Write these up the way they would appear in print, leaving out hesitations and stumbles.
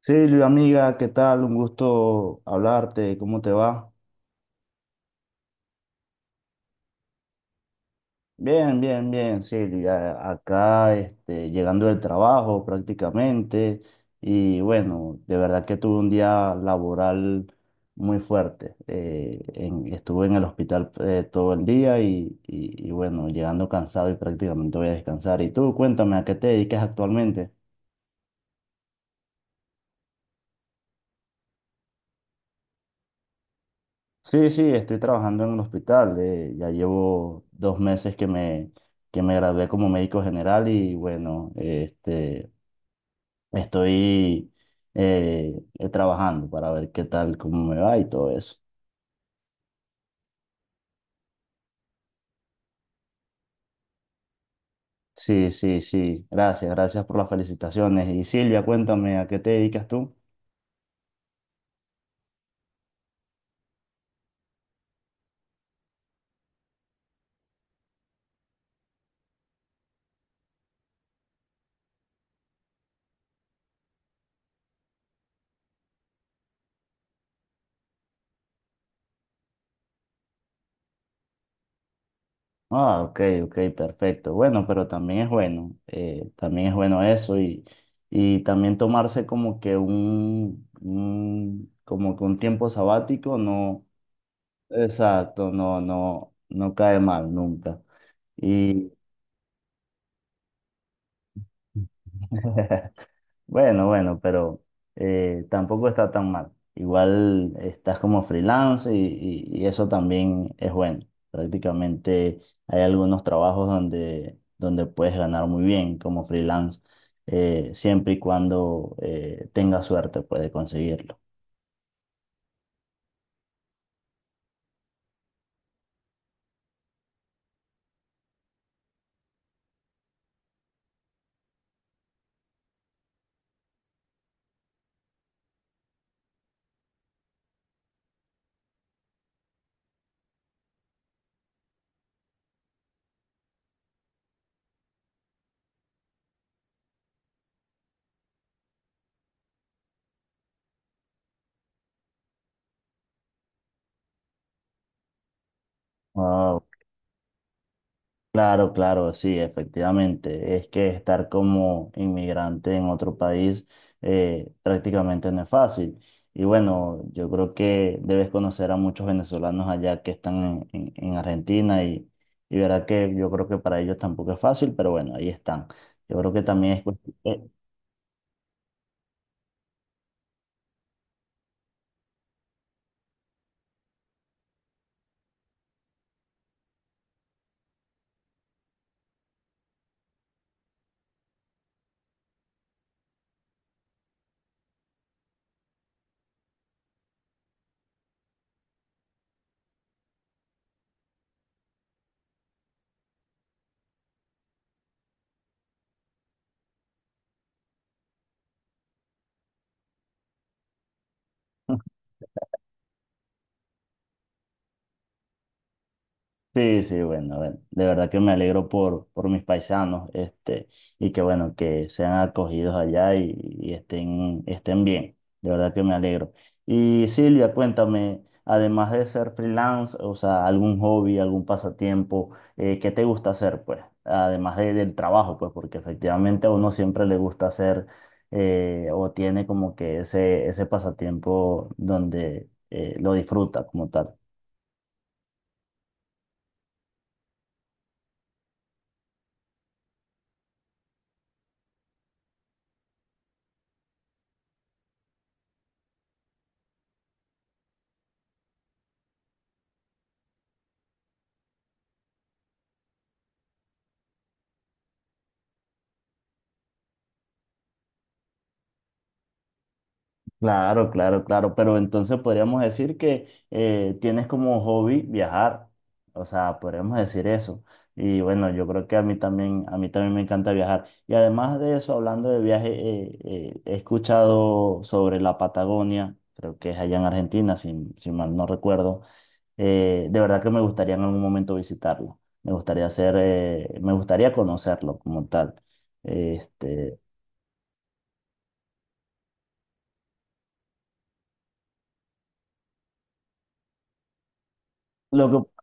Silvia, amiga, ¿qué tal? Un gusto hablarte, ¿cómo te va? Bien, bien, bien, Silvia. Acá, este, llegando del trabajo prácticamente y bueno, de verdad que tuve un día laboral muy fuerte. Estuve en el hospital todo el día y bueno, llegando cansado y prácticamente voy a descansar. Y tú, cuéntame, ¿a qué te dedicas actualmente? Sí, sí, estoy trabajando en un hospital. Ya llevo 2 meses que me gradué como médico general y bueno, este, estoy trabajando para ver qué tal, cómo me va y todo eso. Sí, sí, sí. Gracias, gracias por las felicitaciones. Y Silvia, cuéntame, ¿a qué te dedicas tú? Ah, ok, ok, perfecto. Bueno, pero también es bueno eso y también tomarse como que un tiempo sabático, no, exacto, no, no, no cae mal nunca. Y bueno, bueno, pero tampoco está tan mal. Igual estás como freelance y eso también es bueno. Prácticamente hay algunos trabajos donde puedes ganar muy bien como freelance, siempre y cuando tengas suerte puedes conseguirlo. Wao. Claro, claro, sí, efectivamente. Es que estar como inmigrante en otro país prácticamente no es fácil. Y bueno, yo creo que debes conocer a muchos venezolanos allá que están en Argentina y verdad que yo creo que para ellos tampoco es fácil, pero bueno, ahí están. Yo creo que también es cuestión. Sí, sí, bueno, bueno, de verdad que me alegro por mis paisanos, este, y que bueno, que sean acogidos allá y estén, estén bien, de verdad que me alegro. Y Silvia, cuéntame, además de ser freelance, o sea, algún hobby, algún pasatiempo, ¿qué te gusta hacer, pues? Además del trabajo, pues, porque efectivamente a uno siempre le gusta hacer, o tiene como que ese pasatiempo donde lo disfruta como tal. Claro, claro, claro, pero entonces podríamos decir que tienes como hobby viajar, o sea, podríamos decir eso. Y bueno, yo creo que a mí también me encanta viajar. Y además de eso, hablando de viaje, he escuchado sobre la Patagonia, creo que es allá en Argentina, si mal no recuerdo. De verdad que me gustaría en algún momento visitarlo. Me gustaría conocerlo como tal. Este, lo que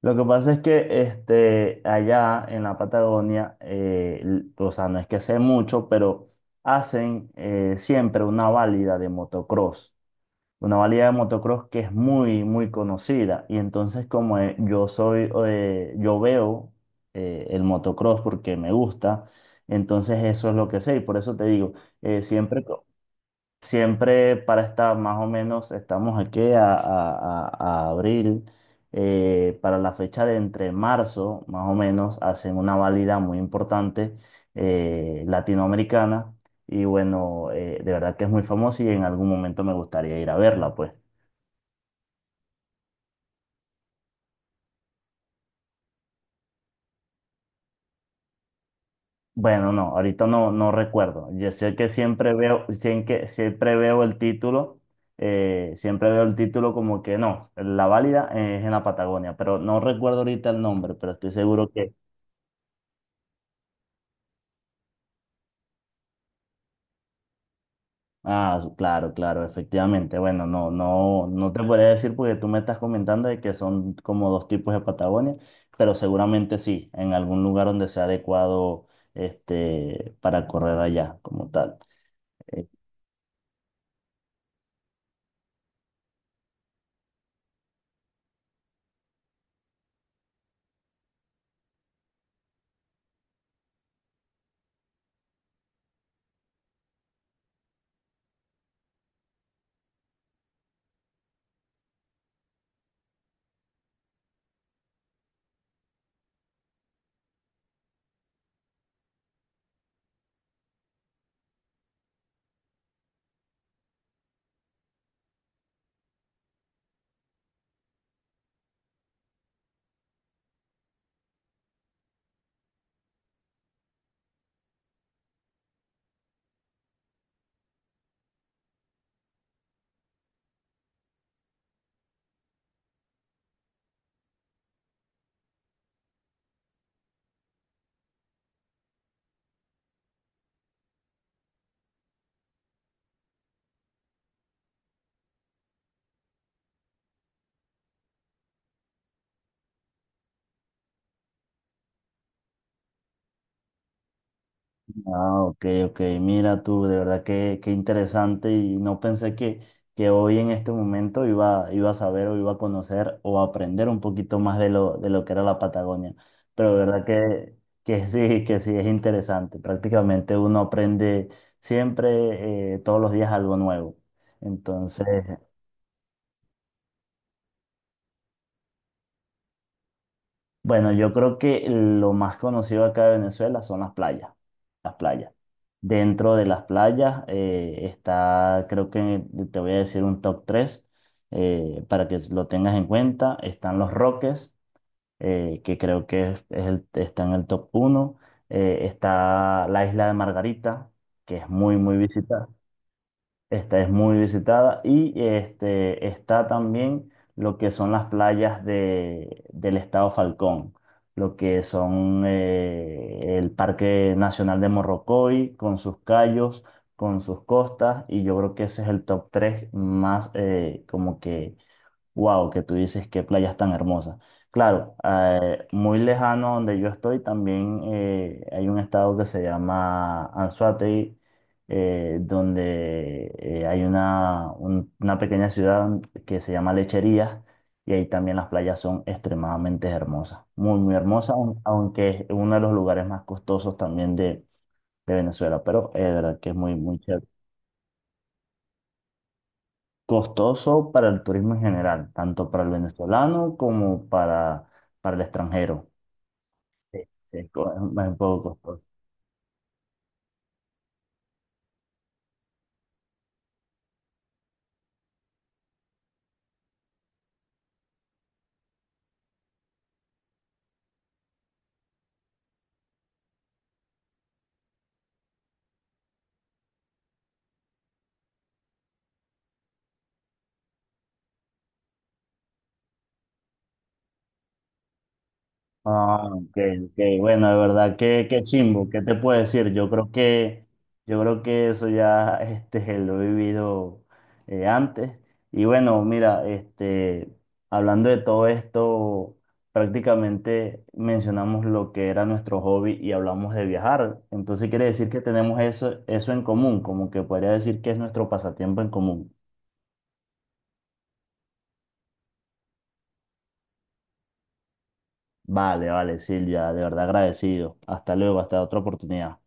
Lo que pasa es que este, allá en la Patagonia, o sea, no es que sé mucho, pero hacen siempre una válida de motocross. Una válida de motocross que es muy, muy conocida. Y entonces como yo veo el motocross porque me gusta, entonces eso es lo que sé. Y por eso te digo, eh, siempre, siempre para esta, más o menos, estamos aquí a abril, para la fecha de entre marzo, más o menos, hacen una válida muy importante latinoamericana y bueno, de verdad que es muy famosa y en algún momento me gustaría ir a verla, pues. Bueno, no, ahorita no, no recuerdo. Yo sé que siempre veo el título, siempre veo el título como que no, la válida es en la Patagonia, pero no recuerdo ahorita el nombre, pero estoy seguro que claro, claro, efectivamente. Bueno, no, no, no te podría decir porque tú me estás comentando de que son como dos tipos de Patagonia, pero seguramente sí, en algún lugar donde sea adecuado, este, para correr allá como tal. Ah, ok, ok. Mira tú, de verdad que interesante y no pensé que hoy en este momento iba a saber o iba a conocer o a aprender un poquito más de lo que era la Patagonia. Pero de verdad que, sí, que sí es interesante. Prácticamente uno aprende siempre, todos los días algo nuevo. Entonces, bueno, yo creo que lo más conocido acá de Venezuela son las playas, las playas. Dentro de las playas está, creo que te voy a decir un top 3 para que lo tengas en cuenta. Están Los Roques, que creo que está en el top 1. Está la isla de Margarita, que es muy, muy visitada. Esta es muy visitada y este, está también lo que son las playas del estado Falcón, lo que son el Parque Nacional de Morrocoy, con sus cayos, con sus costas, y yo creo que ese es el top 3 más como que wow, que tú dices qué playas tan hermosas. Claro, muy lejano donde yo estoy también hay un estado que se llama Anzoátegui, donde hay una pequeña ciudad que se llama Lecherías y ahí también las playas son extremadamente hermosas, muy, muy hermosas, aunque es uno de los lugares más costosos también de Venezuela, pero es verdad que es muy, muy chévere. Costoso para el turismo en general, tanto para el venezolano como para el extranjero. Sí, sí, es un poco costoso. Ah, ok, ok. Bueno, de verdad, qué, chimbo, ¿qué te puedo decir? Yo creo que eso ya este, lo he vivido antes. Y bueno, mira, este, hablando de todo esto, prácticamente mencionamos lo que era nuestro hobby y hablamos de viajar. Entonces quiere decir que tenemos eso en común, como que podría decir que es nuestro pasatiempo en común. Vale, vale, Silvia, de verdad agradecido. Hasta luego, hasta otra oportunidad.